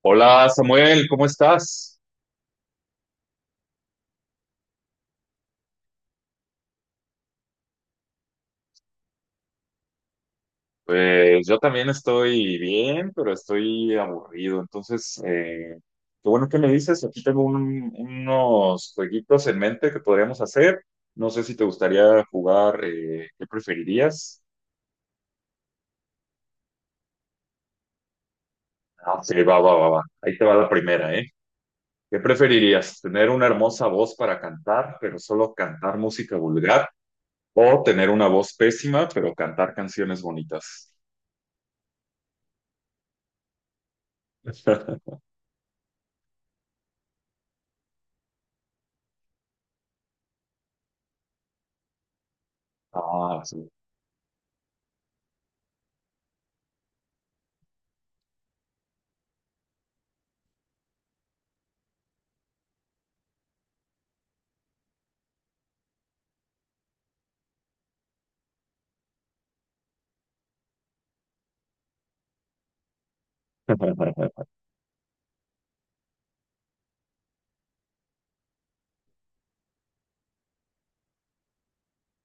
Hola Samuel, ¿cómo estás? Pues yo también estoy bien, pero estoy aburrido. Entonces, qué bueno que me dices. Aquí tengo unos jueguitos en mente que podríamos hacer. No sé si te gustaría jugar, ¿qué preferirías? Ah, sí, va, va, va, va. Ahí te va la primera, ¿eh? ¿Qué preferirías? ¿Tener una hermosa voz para cantar, pero solo cantar música vulgar? ¿O tener una voz pésima, pero cantar canciones bonitas? Ah, sí.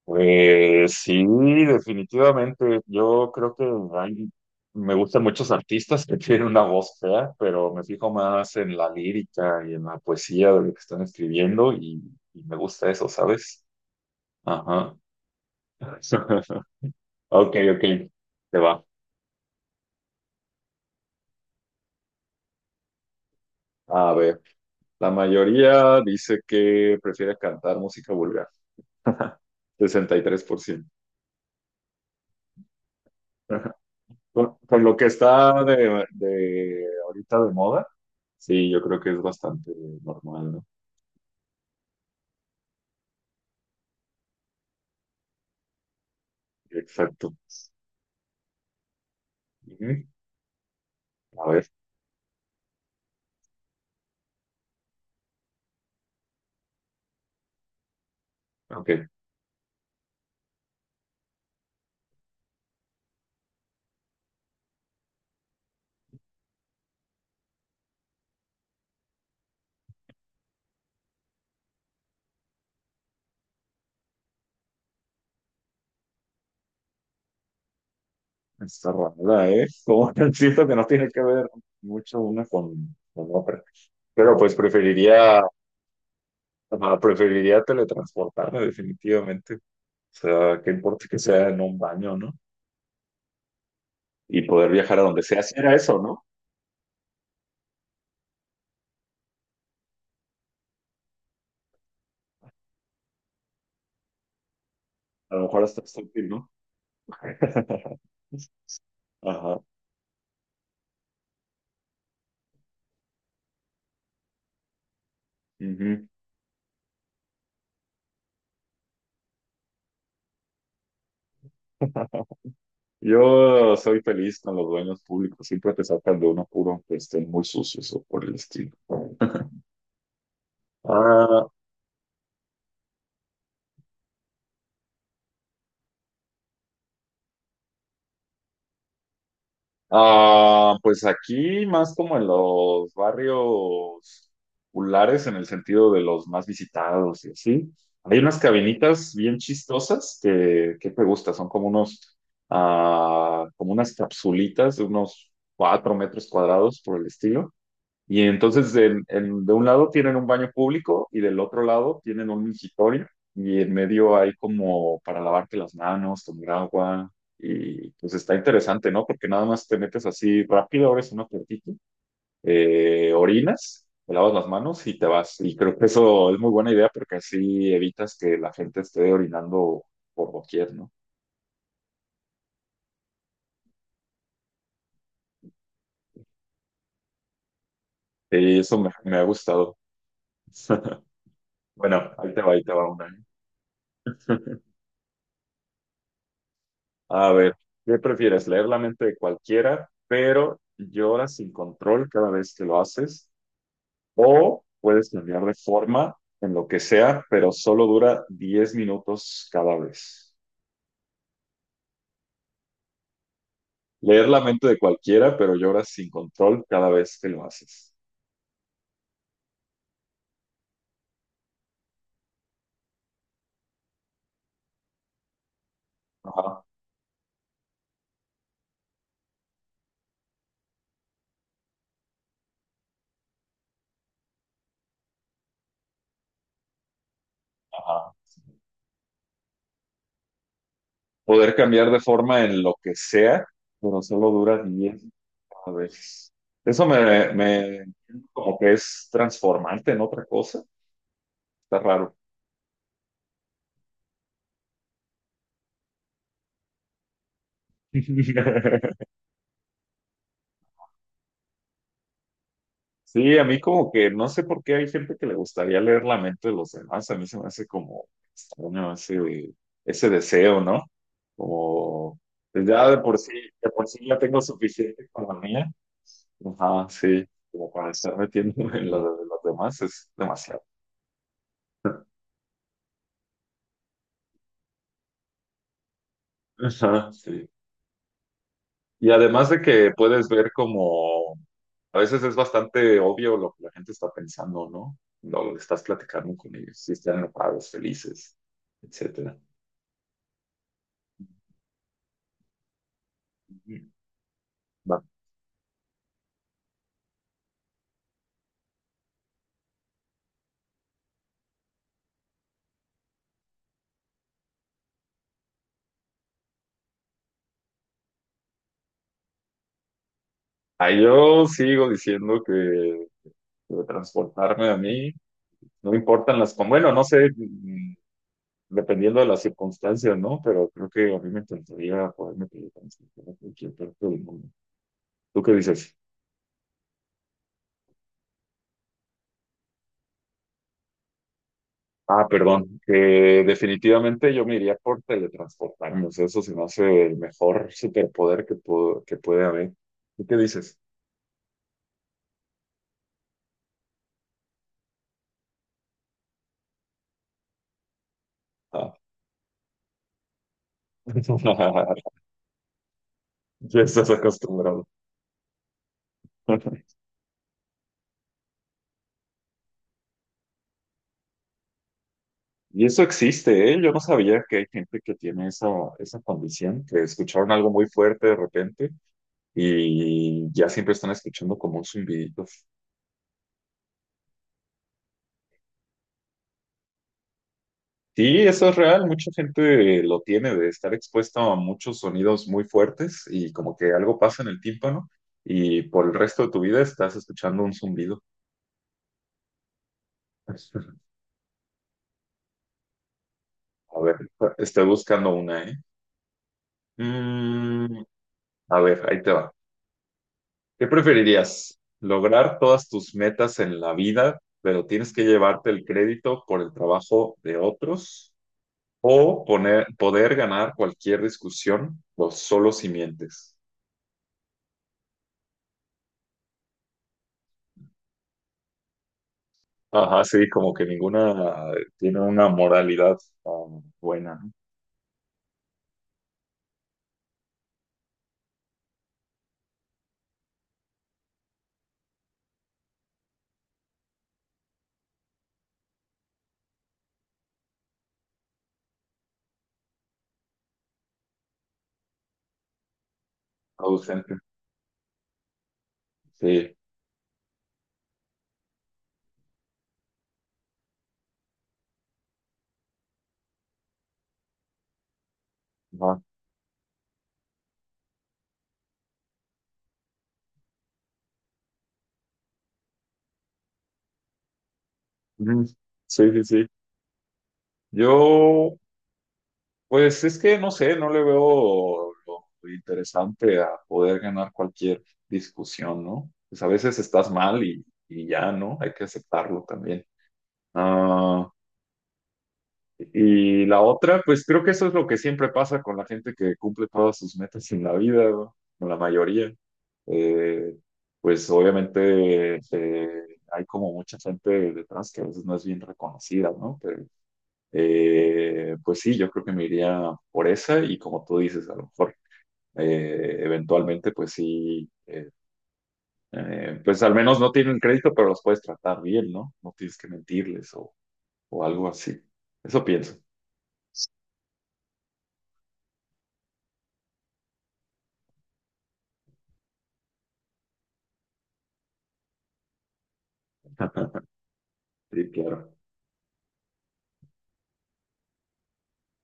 Pues sí, definitivamente. Yo creo que hay- Me gustan muchos artistas que tienen una voz fea, pero me fijo más en la lírica y en la poesía de lo que están escribiendo y me gusta eso, ¿sabes? Ajá. Ok, ok. Te va. A ver, la mayoría dice que prefiere cantar música vulgar. 63%. Con lo que está de ahorita de moda, sí, yo creo que es bastante normal, ¿no? Exacto. Ujú. A ver, ok. Está rara, ¿eh? Como siento que no tiene que ver mucho una con otra. Pero pues ah, preferiría teletransportarme definitivamente. O sea, qué importa que sea en un baño, ¿no? Y poder viajar a donde sea. Si era eso, ¿no? A lo mejor hasta es útil, ¿no? Ajá. Ujú. Yo soy feliz con los dueños públicos, siempre te sacan de uno puro, aunque estén muy sucios o por el estilo. Ah, ah, pues aquí más como en los barrios populares, en el sentido de los más visitados y así. Hay unas cabinitas bien chistosas que te gusta, son como ah, como unas capsulitas de unos 4 metros cuadrados por el estilo. Y entonces de un lado tienen un baño público y del otro lado tienen un mingitorio y en medio hay como para lavarte las manos, tomar agua y pues está interesante, ¿no? Porque nada más te metes así rápido, abres una puertita, orinas, te lavas las manos y te vas. Y creo que eso es muy buena idea porque así evitas que la gente esté orinando por doquier, ¿no? Y eso me ha gustado. Bueno, ahí te va una. ¿Eh? A ver, ¿qué prefieres? ¿Leer la mente de cualquiera, pero lloras sin control cada vez que lo haces? ¿O puedes cambiar de forma en lo que sea, pero solo dura 10 minutos cada vez? Leer la mente de cualquiera, pero lloras sin control cada vez que lo haces. Ajá, ajá. Poder cambiar de forma en lo que sea, pero solo dura 10 cada vez. Eso me, me como que es transformante en otra cosa. Está raro. Sí, a mí como que no sé por qué hay gente que le gustaría leer la mente de los demás. A mí se me hace como extraño ese deseo, ¿no? Como pues ya de por sí ya tengo suficiente con la mía. Ajá, sí, como para estar metiéndome en lo de los demás es demasiado. Ajá, sí. Y además de que puedes ver como a veces es bastante obvio lo que la gente está pensando, ¿no? Lo estás platicando con ellos, si están enojados, felices, etcétera. Ah, yo sigo diciendo que transportarme a mí, no importan bueno, no sé, mm, dependiendo de las circunstancias, ¿no? Pero creo que a mí me encantaría poderme teletransportar a cualquier parte del mundo. ¿Tú qué dices? Ah, perdón, que definitivamente yo me iría por teletransportarme, o sea, eso se me hace el mejor superpoder que puede haber. ¿Tú qué dices? Ah, ya estás acostumbrado. Y eso existe, ¿eh? Yo no sabía que hay gente que tiene esa condición, que escucharon algo muy fuerte de repente y ya siempre están escuchando como un zumbidito. Sí, eso es real, mucha gente lo tiene de estar expuesta a muchos sonidos muy fuertes y como que algo pasa en el tímpano y por el resto de tu vida estás escuchando un zumbido. A ver, estoy buscando una, ¿eh? Mm, a ver, ahí te va. ¿Qué preferirías? ¿Lograr todas tus metas en la vida, pero tienes que llevarte el crédito por el trabajo de otros? ¿O poder ganar cualquier discusión o solo si mientes? Ajá, sí, como que ninguna tiene una moralidad buena, ¿no? Ausente. Sí, ajá. Ujú. Sí, sí, sí. Yo. Pues es que no sé, no le veo lo interesante a poder ganar cualquier discusión, ¿no? Pues a veces estás mal y ya, ¿no? Hay que aceptarlo también. Ah, y la otra, pues creo que eso es lo que siempre pasa con la gente que cumple todas sus metas en la vida, ¿no? Con la mayoría. Eh, pues obviamente hay como mucha gente detrás que a veces no es bien reconocida, ¿no? Pues sí, yo creo que me iría por esa y como tú dices, a lo mejor eventualmente, pues al menos no tienen crédito, pero los puedes tratar bien, ¿no? No tienes que mentirles o algo así. Eso pienso. Ajá, sí, claro.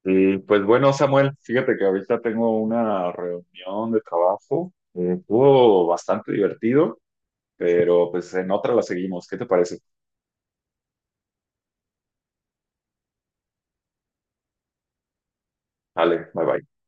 Y pues bueno, Samuel, fíjate que ahorita tengo una reunión de trabajo. Estuvo bastante divertido, pero pues en otra la seguimos. ¿Qué te parece? Vale, bye bye.